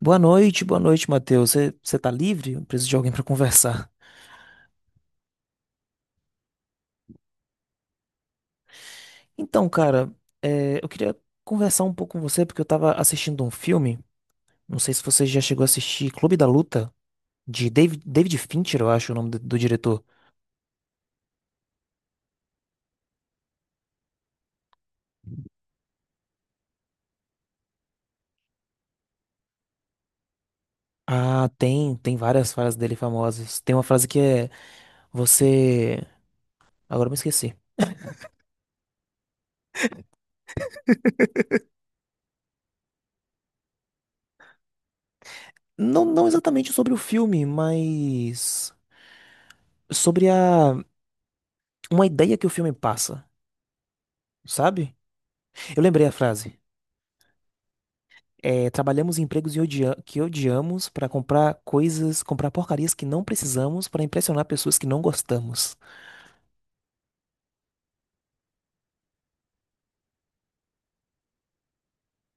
Boa noite, Matheus. Você tá livre? Eu preciso de alguém para conversar. Então, cara, eu queria conversar um pouco com você porque eu tava assistindo um filme. Não sei se você já chegou a assistir Clube da Luta, de David Fincher, eu acho o nome do diretor. Ah, tem várias frases dele famosas. Tem uma frase que é você. Agora eu me esqueci. Não, não exatamente sobre o filme, mas sobre a uma ideia que o filme passa, sabe? Eu lembrei a frase. É, trabalhamos em empregos e que odiamos para comprar coisas, comprar porcarias que não precisamos para impressionar pessoas que não gostamos.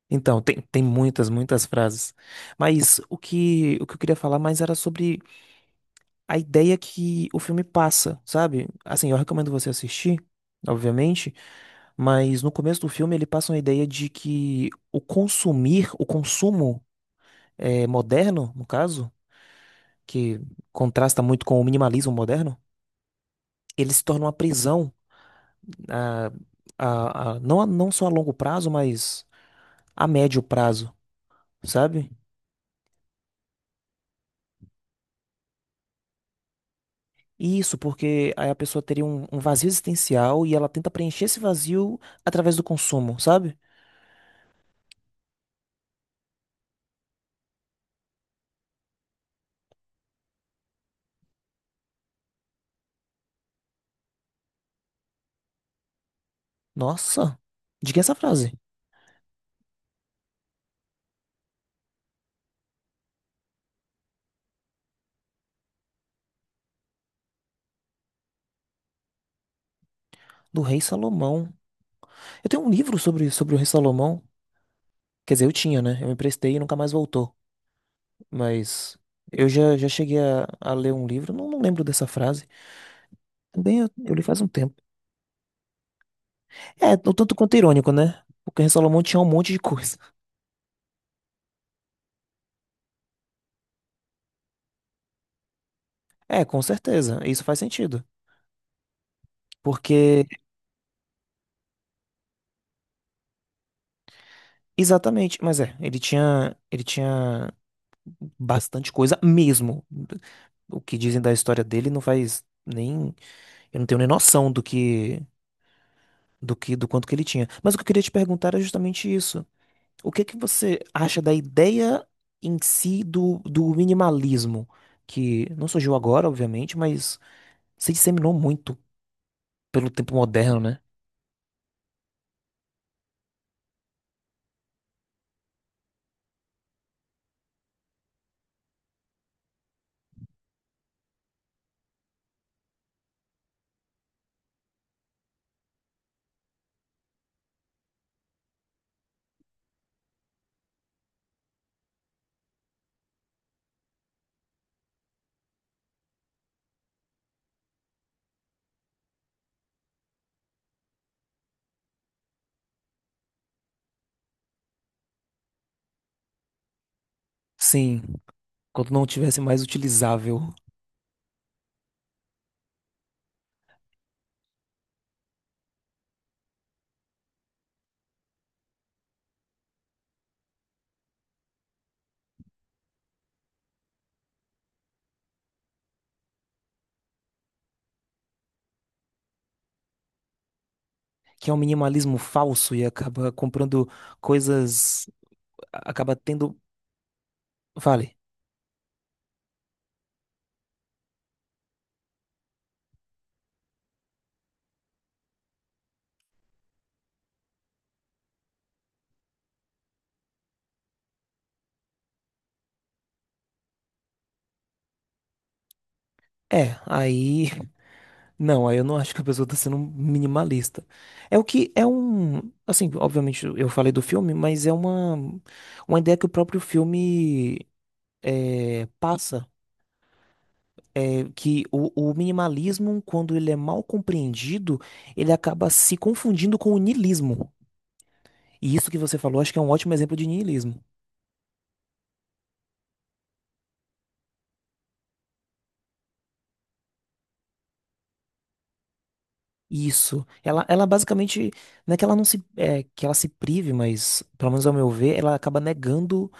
Então, tem muitas, muitas frases. Mas o que eu queria falar mais era sobre a ideia que o filme passa, sabe? Assim, eu recomendo você assistir, obviamente, mas no começo do filme ele passa uma ideia de que o consumo moderno, no caso, que contrasta muito com o minimalismo moderno, ele se torna uma prisão a, não só a longo prazo, mas a médio prazo, sabe? Isso, porque aí a pessoa teria um vazio existencial e ela tenta preencher esse vazio através do consumo, sabe? Nossa, diga essa frase, do Rei Salomão. Eu tenho um livro sobre o Rei Salomão. Quer dizer, eu tinha, né? Eu emprestei e nunca mais voltou. Mas eu já cheguei a ler um livro, não, não lembro dessa frase. Também eu li faz um tempo. É, o tanto quanto irônico, né? Porque o Rei Salomão tinha um monte de coisa. É, com certeza, isso faz sentido. Porque, exatamente, mas ele tinha, bastante coisa mesmo. O que dizem da história dele não faz nem, eu não tenho nem noção do quanto que ele tinha. Mas o que eu queria te perguntar é justamente isso. O que que você acha da ideia em si do minimalismo, que não surgiu agora, obviamente, mas se disseminou muito pelo tempo moderno, né? Sim, quando não tivesse mais utilizável. Que é um minimalismo falso e acaba comprando coisas, acaba tendo, vale. É, aí não, aí eu não acho que a pessoa tá sendo minimalista. É o que é um, assim, obviamente eu falei do filme, mas é uma ideia que o próprio filme passa. É que o minimalismo, quando ele é mal compreendido, ele acaba se confundindo com o niilismo. E isso que você falou, acho que é um ótimo exemplo de niilismo. Isso. Ela basicamente, não é que ela não se, que ela se prive, mas, pelo menos ao meu ver, ela acaba negando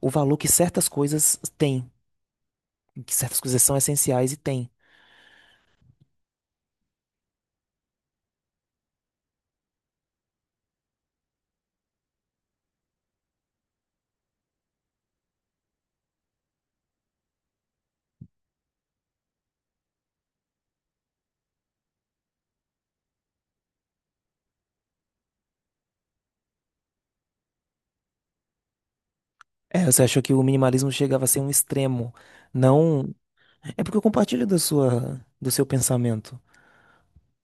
o valor que certas coisas têm, que certas coisas são essenciais e têm. É, você achou que o minimalismo chegava a ser um extremo. Não, é porque eu compartilho do seu pensamento.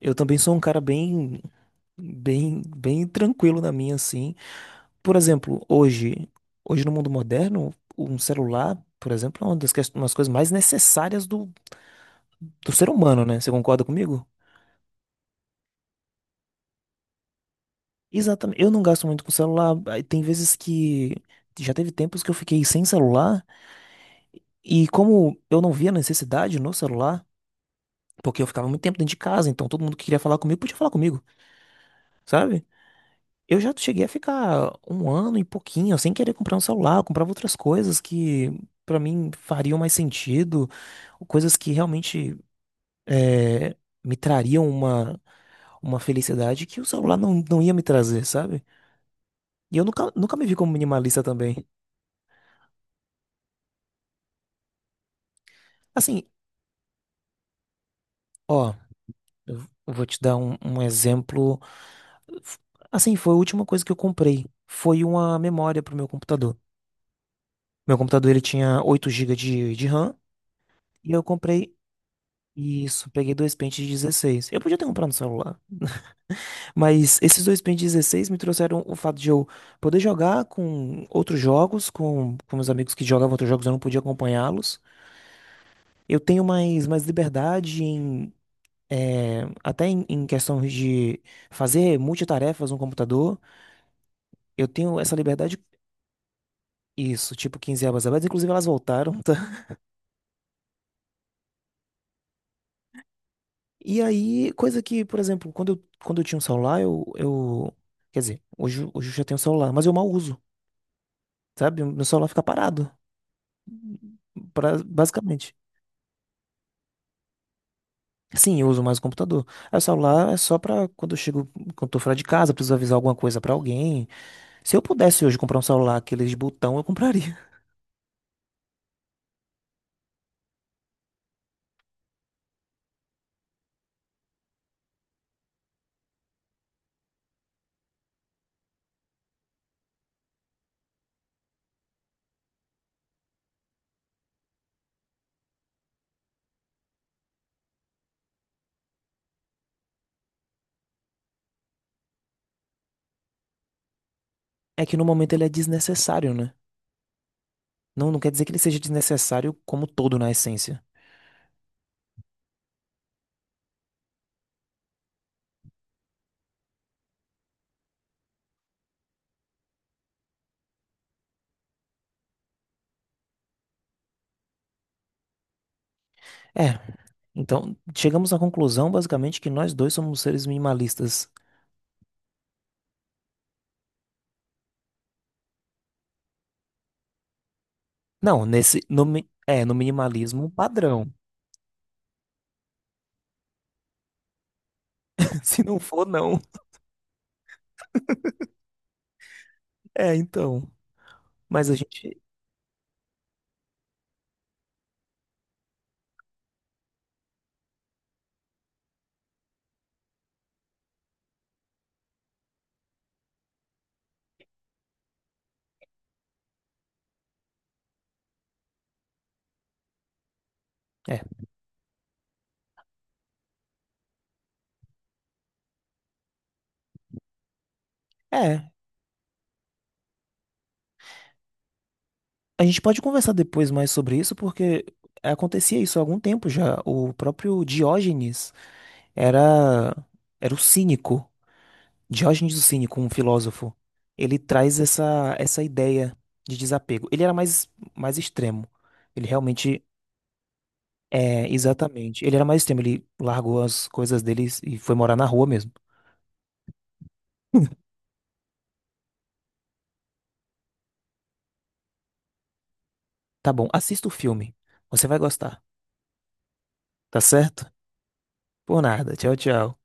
Eu também sou um cara bem, bem, bem tranquilo na minha, assim. Por exemplo, hoje no mundo moderno, um celular, por exemplo, é uma das umas coisas mais necessárias do ser humano, né? Você concorda comigo? Exatamente. Eu não gasto muito com celular. Aí Tem vezes que Já teve tempos que eu fiquei sem celular e como eu não via necessidade no celular, porque eu ficava muito tempo dentro de casa, então todo mundo que queria falar comigo podia falar comigo, sabe? Eu já cheguei a ficar um ano e pouquinho sem querer comprar um celular, eu comprava outras coisas que pra mim fariam mais sentido, coisas que realmente eh, me trariam uma, felicidade que o celular não ia me trazer, sabe? E eu nunca, nunca me vi como minimalista também. Assim, ó, eu vou te dar um exemplo. F- Assim, foi a última coisa que eu comprei. Foi uma memória pro meu computador. Meu computador, ele tinha 8 gigas de RAM. E eu comprei isso. Peguei dois pentes de 16. Eu podia ter comprado no celular. Mas esses dois Pen 16 me trouxeram o fato de eu poder jogar com outros jogos, com meus amigos que jogavam outros jogos, eu não podia acompanhá-los. Eu tenho mais, mais liberdade até em questão de fazer multitarefas no computador. Eu tenho essa liberdade, isso, tipo 15 abas abertas, inclusive elas voltaram, tá? E aí, coisa que, por exemplo, quando eu tinha um celular, quer dizer, hoje eu já tenho um celular, mas eu mal uso, sabe? Meu celular fica parado, basicamente. Sim, eu uso mais o computador. Aí, o celular é só pra quando eu chego, quando eu tô fora de casa, preciso avisar alguma coisa pra alguém. Se eu pudesse hoje comprar um celular, aqueles de botão, eu compraria. É que no momento ele é desnecessário, né? Não, não quer dizer que ele seja desnecessário como todo na essência. É, então chegamos à conclusão basicamente que nós dois somos seres minimalistas. Não, nesse no, mi- é, no minimalismo padrão. Se não for, não. É, então. Mas é, é, a gente pode conversar depois mais sobre isso porque acontecia isso há algum tempo já. O próprio Diógenes era era o cínico. Diógenes o Cínico, um filósofo. Ele traz essa ideia de desapego. Ele era mais extremo. Ele realmente. É, exatamente. Ele era mais extremo, ele largou as coisas dele e foi morar na rua mesmo. Tá bom, assista o filme. Você vai gostar. Tá certo? Por nada. Tchau, tchau.